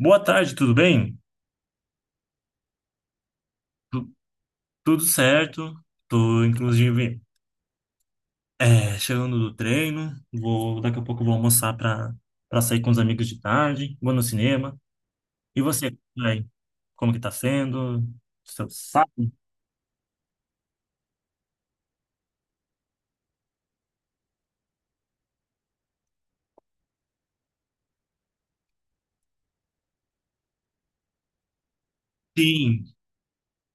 Boa tarde, tudo bem? Tu- Tudo certo. Tô, inclusive, chegando do treino. Vou, daqui a pouco eu vou almoçar para sair com os amigos de tarde. Vou no cinema. E você, aí, como que tá sendo? Seu sábado? Sim,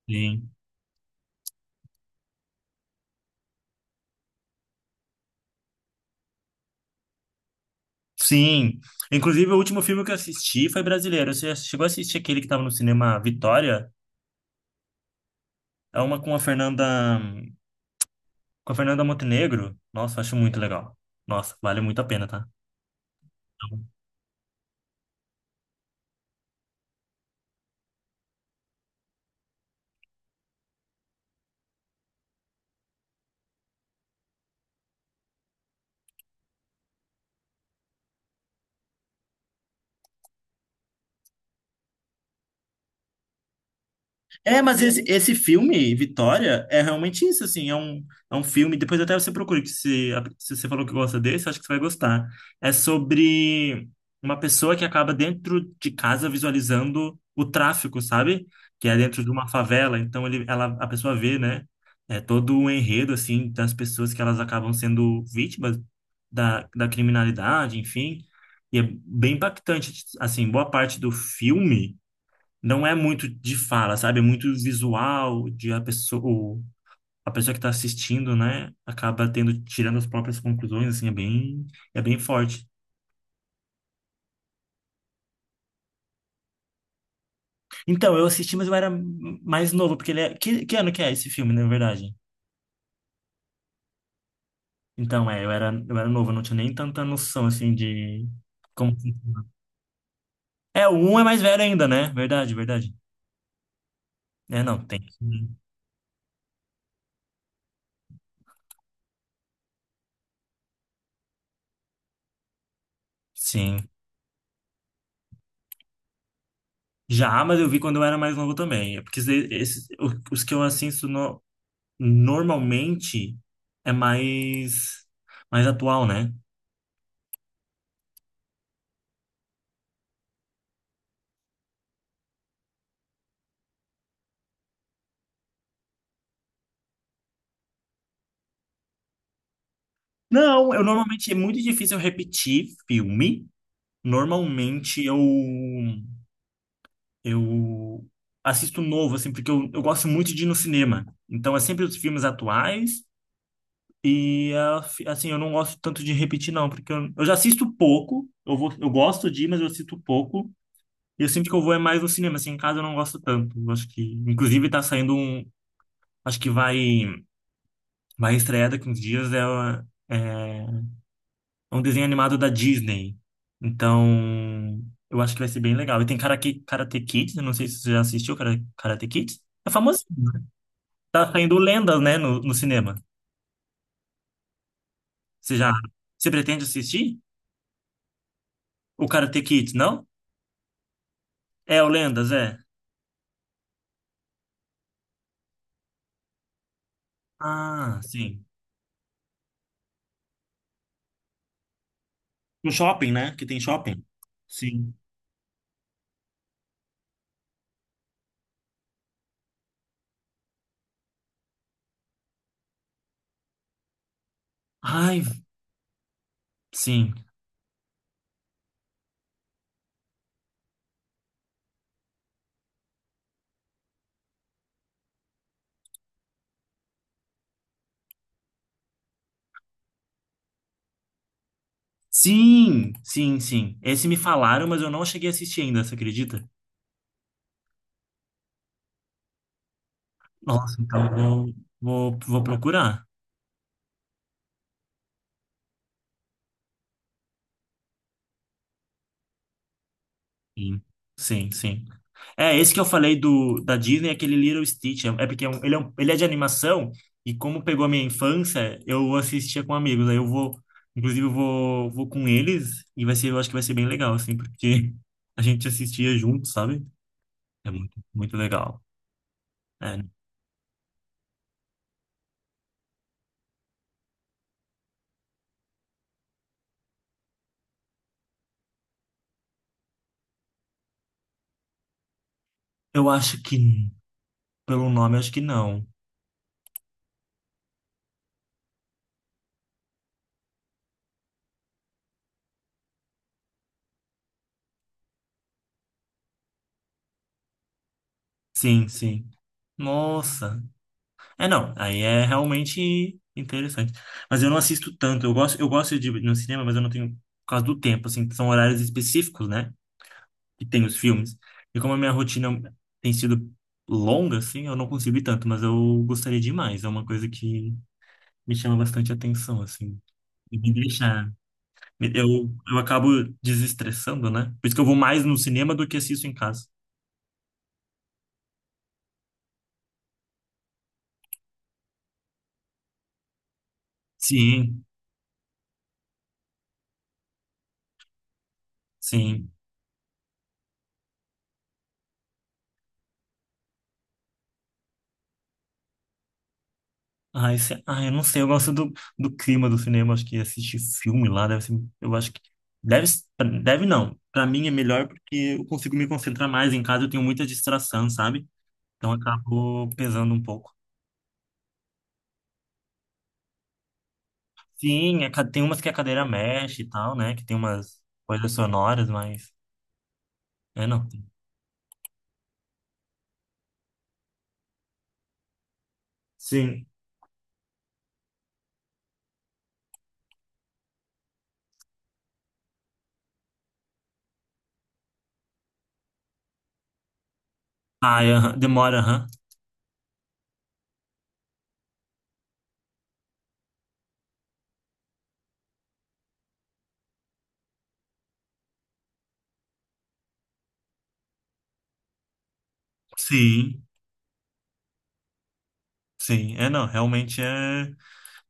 sim. Sim. Inclusive, o último filme que eu assisti foi brasileiro. Você já chegou a assistir aquele que tava no cinema Vitória? É uma com a Fernanda Montenegro. Nossa, acho muito legal. Nossa, vale muito a pena, tá? É, mas esse filme, Vitória, é realmente isso, assim, é um filme, depois até você procura, que se você falou que gosta desse, acho que você vai gostar. É sobre uma pessoa que acaba dentro de casa visualizando o tráfico, sabe? Que é dentro de uma favela, então ela, a pessoa vê, né? É todo o enredo, assim, das pessoas que elas acabam sendo vítimas da criminalidade, enfim. E é bem impactante, assim, boa parte do filme não é muito de fala, sabe? É muito visual de a pessoa que está assistindo, né? Acaba tendo, tirando as próprias conclusões, assim, é bem forte. Então, eu assisti, mas eu era mais novo, porque ele é... Que ano que é esse filme, na verdade? Então, é, eu era novo, eu não tinha nem tanta noção, assim, de... Como... É, o um é mais velho ainda, né? Verdade, verdade. É, não, tem que... Sim. Já, mas eu vi quando eu era mais novo também. É porque os que eu assisto normalmente é mais atual, né? Não, eu normalmente é muito difícil eu repetir filme. Normalmente eu assisto novo, assim, porque eu gosto muito de ir no cinema. Então é sempre os filmes atuais e assim, eu não gosto tanto de repetir não, porque eu já assisto pouco. Eu vou, eu gosto de ir, mas eu assisto pouco. E eu sinto que eu vou é mais no cinema, assim, em casa eu não gosto tanto. Eu acho que inclusive tá saindo um, acho que vai estrear daqui uns dias, é um desenho animado da Disney. Então, eu acho que vai ser bem legal. E tem Karate Kids, eu não sei se você já assistiu Karate Kids. É famosinho. Tá saindo lendas, né, no cinema. Você já, você pretende assistir? O Karate Kids, não? É, o Lendas, é. Ah, sim. No shopping, né? Que tem shopping. Sim. Ai, sim. Sim, sim, sim. Esse me falaram, mas eu não cheguei a assistir ainda, você acredita? Nossa, então eu vou procurar. Sim, sim, sim. É, esse que eu falei do da Disney, é aquele Little Stitch. É porque é um- ele é de animação e como pegou a minha infância, eu assistia com amigos. Aí eu vou, inclusive eu vou com eles e vai ser, eu acho que vai ser bem legal, assim, porque a gente assistia junto, sabe? É muito, muito legal. É. Eu acho que, pelo nome, eu acho que não. Sim, sim. Nossa. É, não, aí é realmente interessante. Mas eu não assisto tanto. Eu gosto de ir no cinema, mas eu não tenho por causa do tempo, assim, são horários específicos, né? Que tem os filmes. E como a minha rotina tem sido longa, assim, eu não consigo ir tanto, mas eu gostaria demais. É uma coisa que me chama bastante atenção, assim. E me deixa. Eu acabo desestressando, né? Por isso que eu vou mais no cinema do que assisto em casa. Sim, sim. Ai, eu não sei, eu gosto do clima do cinema, acho que assistir filme lá deve ser, eu acho que deve, deve não. Pra mim é melhor porque eu consigo me concentrar mais em casa, eu tenho muita distração, sabe? Então acabo pesando um pouco. Sim, tem umas que a cadeira mexe e tal, né? Que tem umas coisas sonoras, mas é não. Sim. Ai, aham, demora, aham. Sim, sim. É não, realmente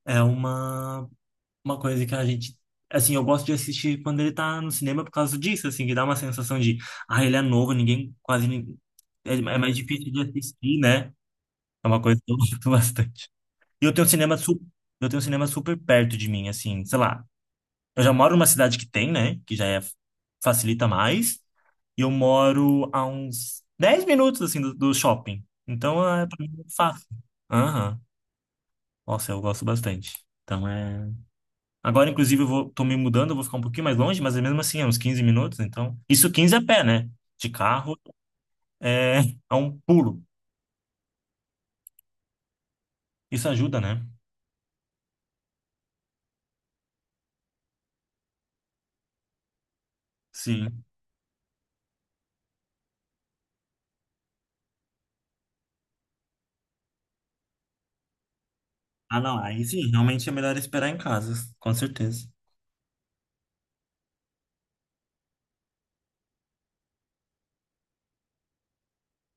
é uma coisa que a gente. Assim, eu gosto de assistir quando ele tá no cinema por causa disso, assim, que dá uma sensação de, ah, ele é novo, ninguém, quase ninguém. É, é mais difícil de assistir, né? É uma coisa que eu gosto bastante. E eu tenho eu tenho cinema super perto de mim, assim, sei lá. Eu já moro numa cidade que tem, né? Que já é, facilita mais. E eu moro a uns 10 minutos, assim, do shopping. Então, é pra mim, é fácil. Aham. Nossa, eu gosto bastante. Então, é. Agora, inclusive, tô me mudando, eu vou ficar um pouquinho mais longe, mas é mesmo assim, é uns 15 minutos, então. Isso 15 a pé, né? De carro é, é um pulo. Isso ajuda, né? Sim. Ah, não, aí sim, realmente é melhor esperar em casa, com certeza.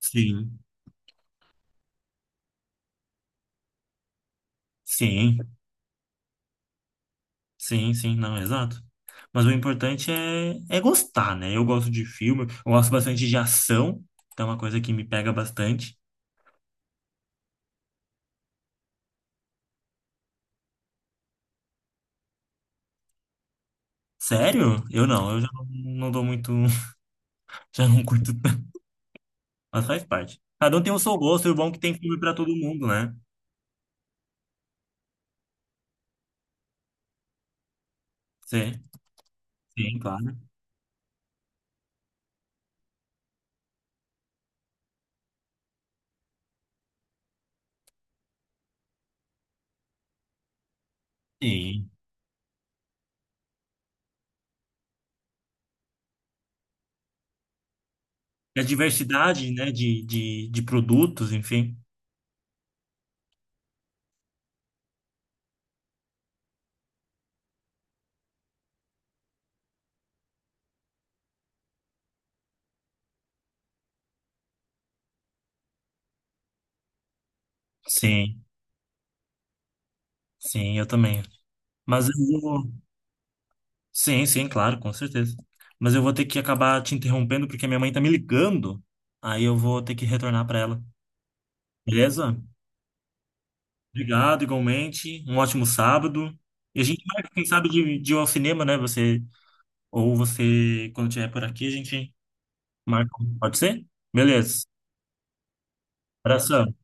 Sim. Sim, sim, sim, não, exato. Mas o importante é gostar, né? Eu gosto de filme, eu gosto bastante de ação, então é uma coisa que me pega bastante. Sério? Eu já não, não dou muito, já não curto. Mas faz parte. Cada um tem o seu gosto, e o bom é que tem filme para todo mundo, né? Sim, sim, claro. Sim. E a diversidade, né, de produtos, enfim. Sim, sim, eu também. Mas eu vou... Sim, sim, claro, com certeza. Mas eu vou ter que acabar te interrompendo porque a minha mãe tá me ligando. Aí eu vou ter que retornar para ela. Beleza? Obrigado, igualmente. Um ótimo sábado. E a gente marca, quem sabe, de ir ao cinema, né? Você, ou você, quando estiver por aqui, a gente Marco, pode ser? Beleza. Abração.